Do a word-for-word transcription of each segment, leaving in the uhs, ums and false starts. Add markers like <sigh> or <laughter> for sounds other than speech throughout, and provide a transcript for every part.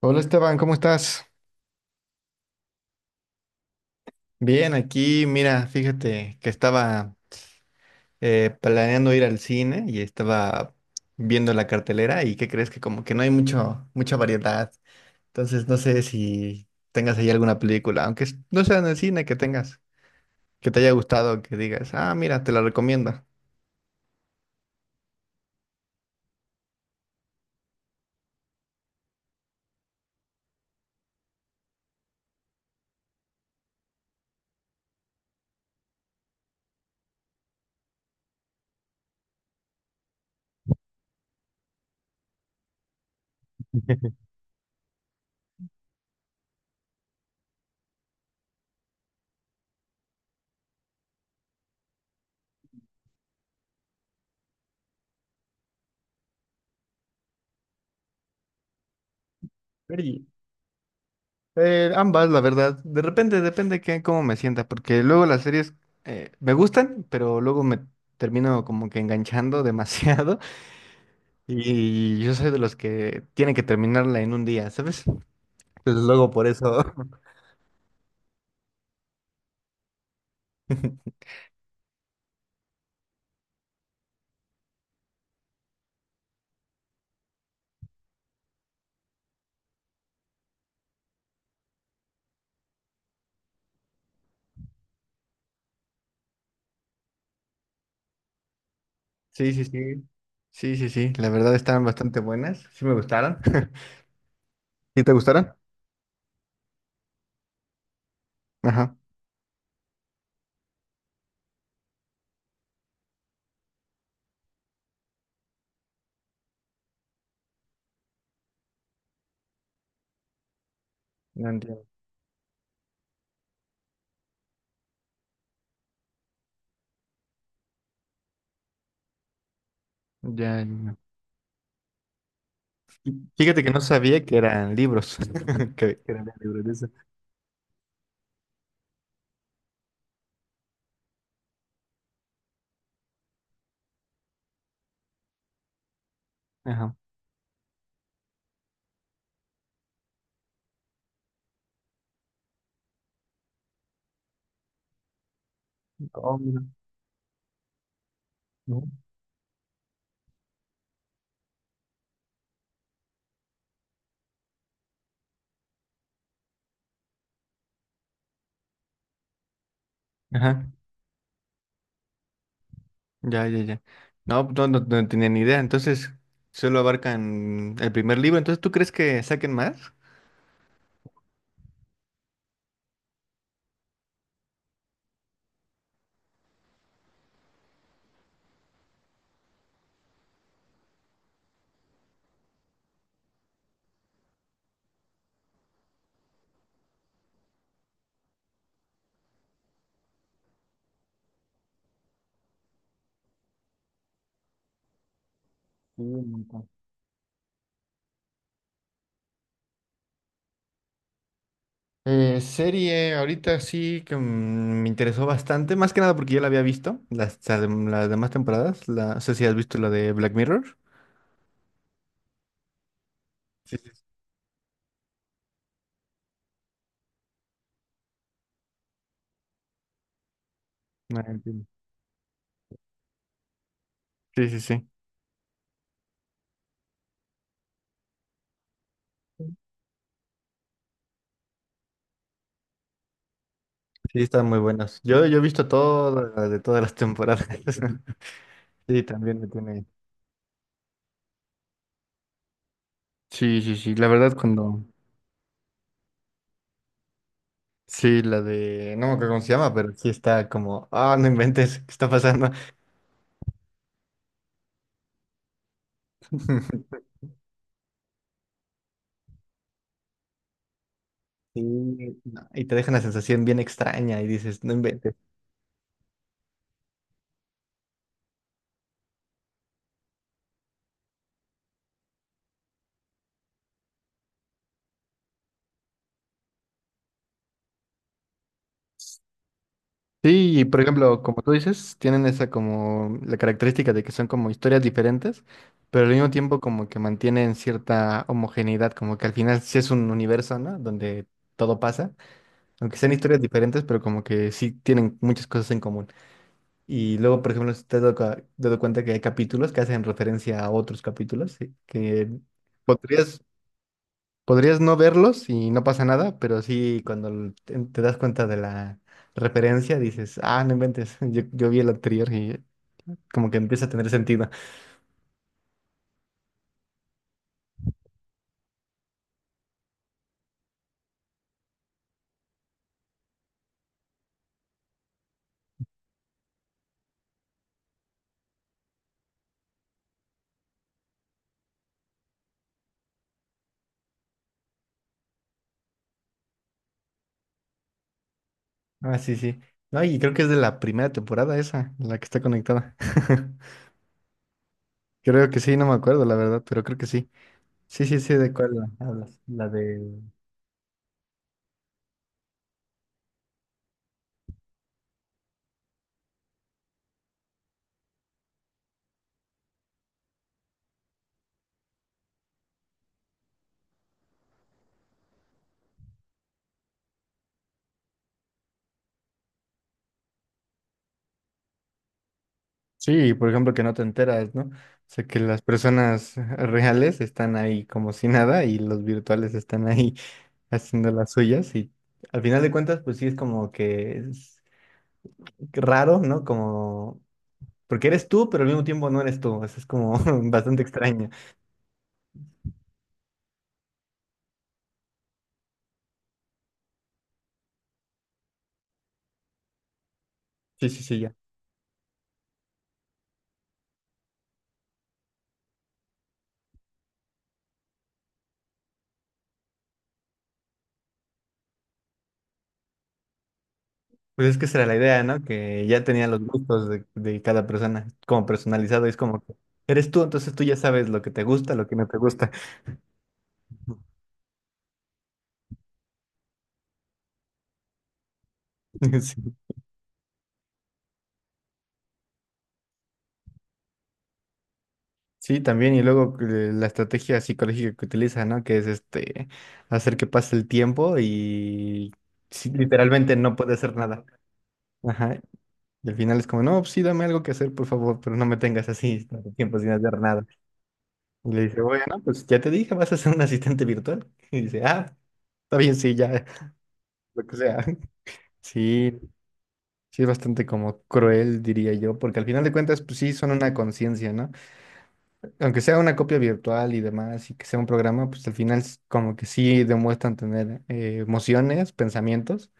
Hola Esteban, ¿cómo estás? Bien, aquí, mira, fíjate que estaba eh, planeando ir al cine y estaba viendo la cartelera y ¿qué crees? Que como que no hay mucho, mucha variedad. Entonces no sé si tengas ahí alguna película, aunque es- no sea en el cine que tengas, que te haya gustado, que digas, ah, mira, te la recomiendo. <laughs> Sí, eh, ambas, la verdad. De repente depende que cómo me sienta, porque luego las series eh, me gustan, pero luego me termino como que enganchando <laughs> demasiado. Y yo soy de los que tienen que terminarla en un día, ¿sabes? Entonces luego por eso. <laughs> Sí, sí, sí. Sí, sí, sí. La verdad estaban bastante buenas. Sí me gustaron. <laughs> ¿Sí te gustaron? Ajá. No entiendo. Ya, ya, ya. Y fíjate que no sabía que eran libros. <laughs> Que, que eran libros de eso. Ajá. Oh, mira. Ujú. Ajá. Ya, ya, ya. No, no, no, no tenía ni idea. Entonces, solo abarcan el primer libro. Entonces, ¿tú crees que saquen más? Sí, un montón. Eh, serie, ahorita sí que mm, me interesó bastante, más que nada porque ya la había visto, las, las dem- las demás temporadas, la, no sé si has visto la de Black Mirror. Sí, sí, sí. Ah, entiendo. Sí, sí, sí. Sí, están muy buenas. Yo, yo he visto todas las de todas las temporadas. <laughs> Sí, también me tiene. Sí, sí, sí. La verdad, cuando. Sí, la de. No me acuerdo cómo se llama, pero sí está como. Ah, no inventes, ¿qué está pasando? <laughs> Sí, no, y te deja una sensación bien extraña y dices, no inventes. Sí, y por ejemplo, como tú dices, tienen esa como la característica de que son como historias diferentes, pero al mismo tiempo como que mantienen cierta homogeneidad, como que al final sí es un universo, ¿no? Donde todo pasa, aunque sean historias diferentes, pero como que sí tienen muchas cosas en común. Y luego, por ejemplo, si te has dado cua- dado cuenta que hay capítulos que hacen referencia a otros capítulos, sí, que podrías. Podrías no verlos y no pasa nada, pero sí cuando l- te te das cuenta de la referencia dices, ah, no inventes, <laughs> yo, yo vi el anterior y como que empieza a tener sentido. Ah, sí, sí. No, y creo que es de la primera temporada esa, la que está conectada. <laughs> Creo que sí, no me acuerdo la verdad, pero creo que sí. Sí, sí, sí, ¿de cuál hablas? La de... Sí, por ejemplo, que no te enteras, ¿no? O sea, que las personas reales están ahí como si nada y los virtuales están ahí haciendo las suyas y al final de cuentas, pues sí es como que es raro, ¿no? Como, porque eres tú, pero al mismo tiempo no eres tú, eso es como <laughs> bastante extraño. Sí, sí, sí, ya. Pues es que esa era la idea, ¿no? Que ya tenía los gustos de, de cada persona, como personalizado, es como que eres tú, entonces tú ya sabes lo que te gusta, lo que no te gusta. <laughs> Sí, sí, también, y luego eh, la estrategia psicológica que utiliza, ¿no? Que es este, hacer que pase el tiempo y sí, literalmente no puede hacer nada. Ajá, y al final es como, no, pues sí, dame algo que hacer, por favor, pero no me tengas así <laughs> tanto tiempo sin hacer nada. Y le dice, bueno, pues ya te dije, vas a ser un asistente virtual. Y dice, ah, está bien, sí, ya, <laughs> lo que sea. Sí, sí es bastante como cruel, diría yo, porque al final de cuentas, pues sí, son una conciencia, ¿no? Aunque sea una copia virtual y demás, y que sea un programa, pues al final s- como que sí demuestran tener eh, emociones, pensamientos.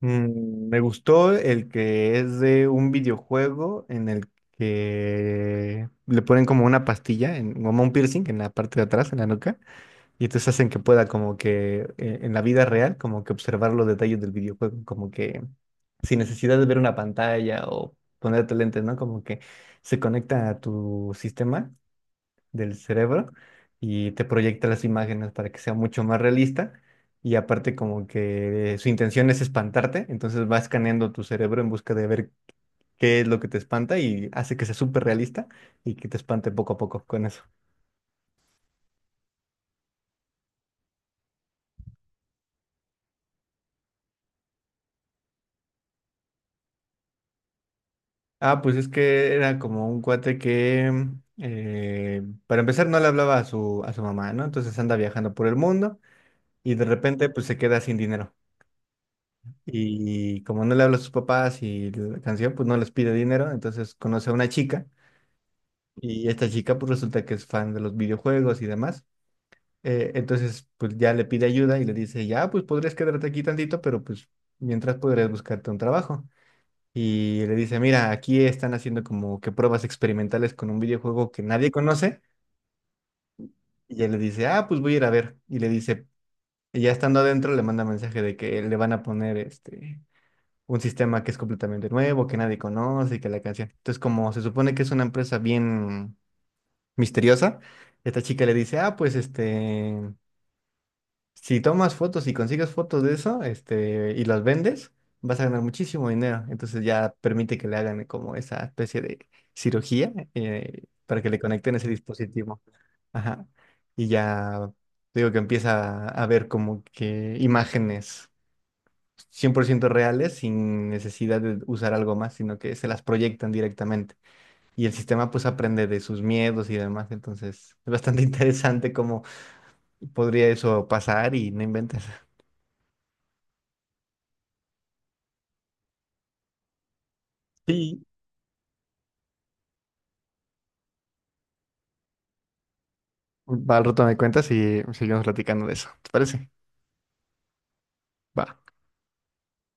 Mm, me gustó el que es de un videojuego en el que le ponen como una pastilla, en, como un piercing en la parte de atrás, en la nuca, y entonces hacen que pueda como que eh, en la vida real, como que observar los detalles del videojuego, como que sin necesidad de ver una pantalla o ponerte lentes, ¿no? Como que se conecta a tu sistema del cerebro y te proyecta las imágenes para que sea mucho más realista. Y aparte como que su intención es espantarte, entonces va escaneando tu cerebro en busca de ver qué es lo que te espanta y hace que sea súper realista y que te espante poco a poco con eso. Ah, pues es que era como un cuate que, mm, eh, para empezar, no le hablaba a su, a su mamá, ¿no? Entonces anda viajando por el mundo y de repente pues se queda sin dinero. Y como no le habla a sus papás y la canción, pues no les pide dinero, entonces conoce a una chica. Y esta chica pues resulta que es fan de los videojuegos y demás. Eh, entonces pues ya le pide ayuda y le dice, ya pues podrías quedarte aquí tantito, pero pues mientras podrías buscarte un trabajo. Y le dice, mira, aquí están haciendo como que pruebas experimentales con un videojuego que nadie conoce. Y ella le dice, ah, pues voy a ir a ver. Y le dice, y ya estando adentro le manda mensaje de que le van a poner este un sistema que es completamente nuevo, que nadie conoce y que la canción. Entonces como se supone que es una empresa bien misteriosa, esta chica le dice, ah, pues este, si tomas fotos y consigues fotos de eso, este, y las vendes, vas a ganar muchísimo dinero. Entonces ya permite que le hagan como esa especie de cirugía eh, para que le conecten ese dispositivo. Ajá. Y ya digo que empieza a ver como que imágenes cien por ciento reales sin necesidad de usar algo más, sino que se las proyectan directamente. Y el sistema pues aprende de sus miedos y demás, entonces es bastante <laughs> interesante cómo podría eso pasar y no inventas. Sí. Va, al rato me cuentas y seguimos platicando de eso. ¿Te parece? Va.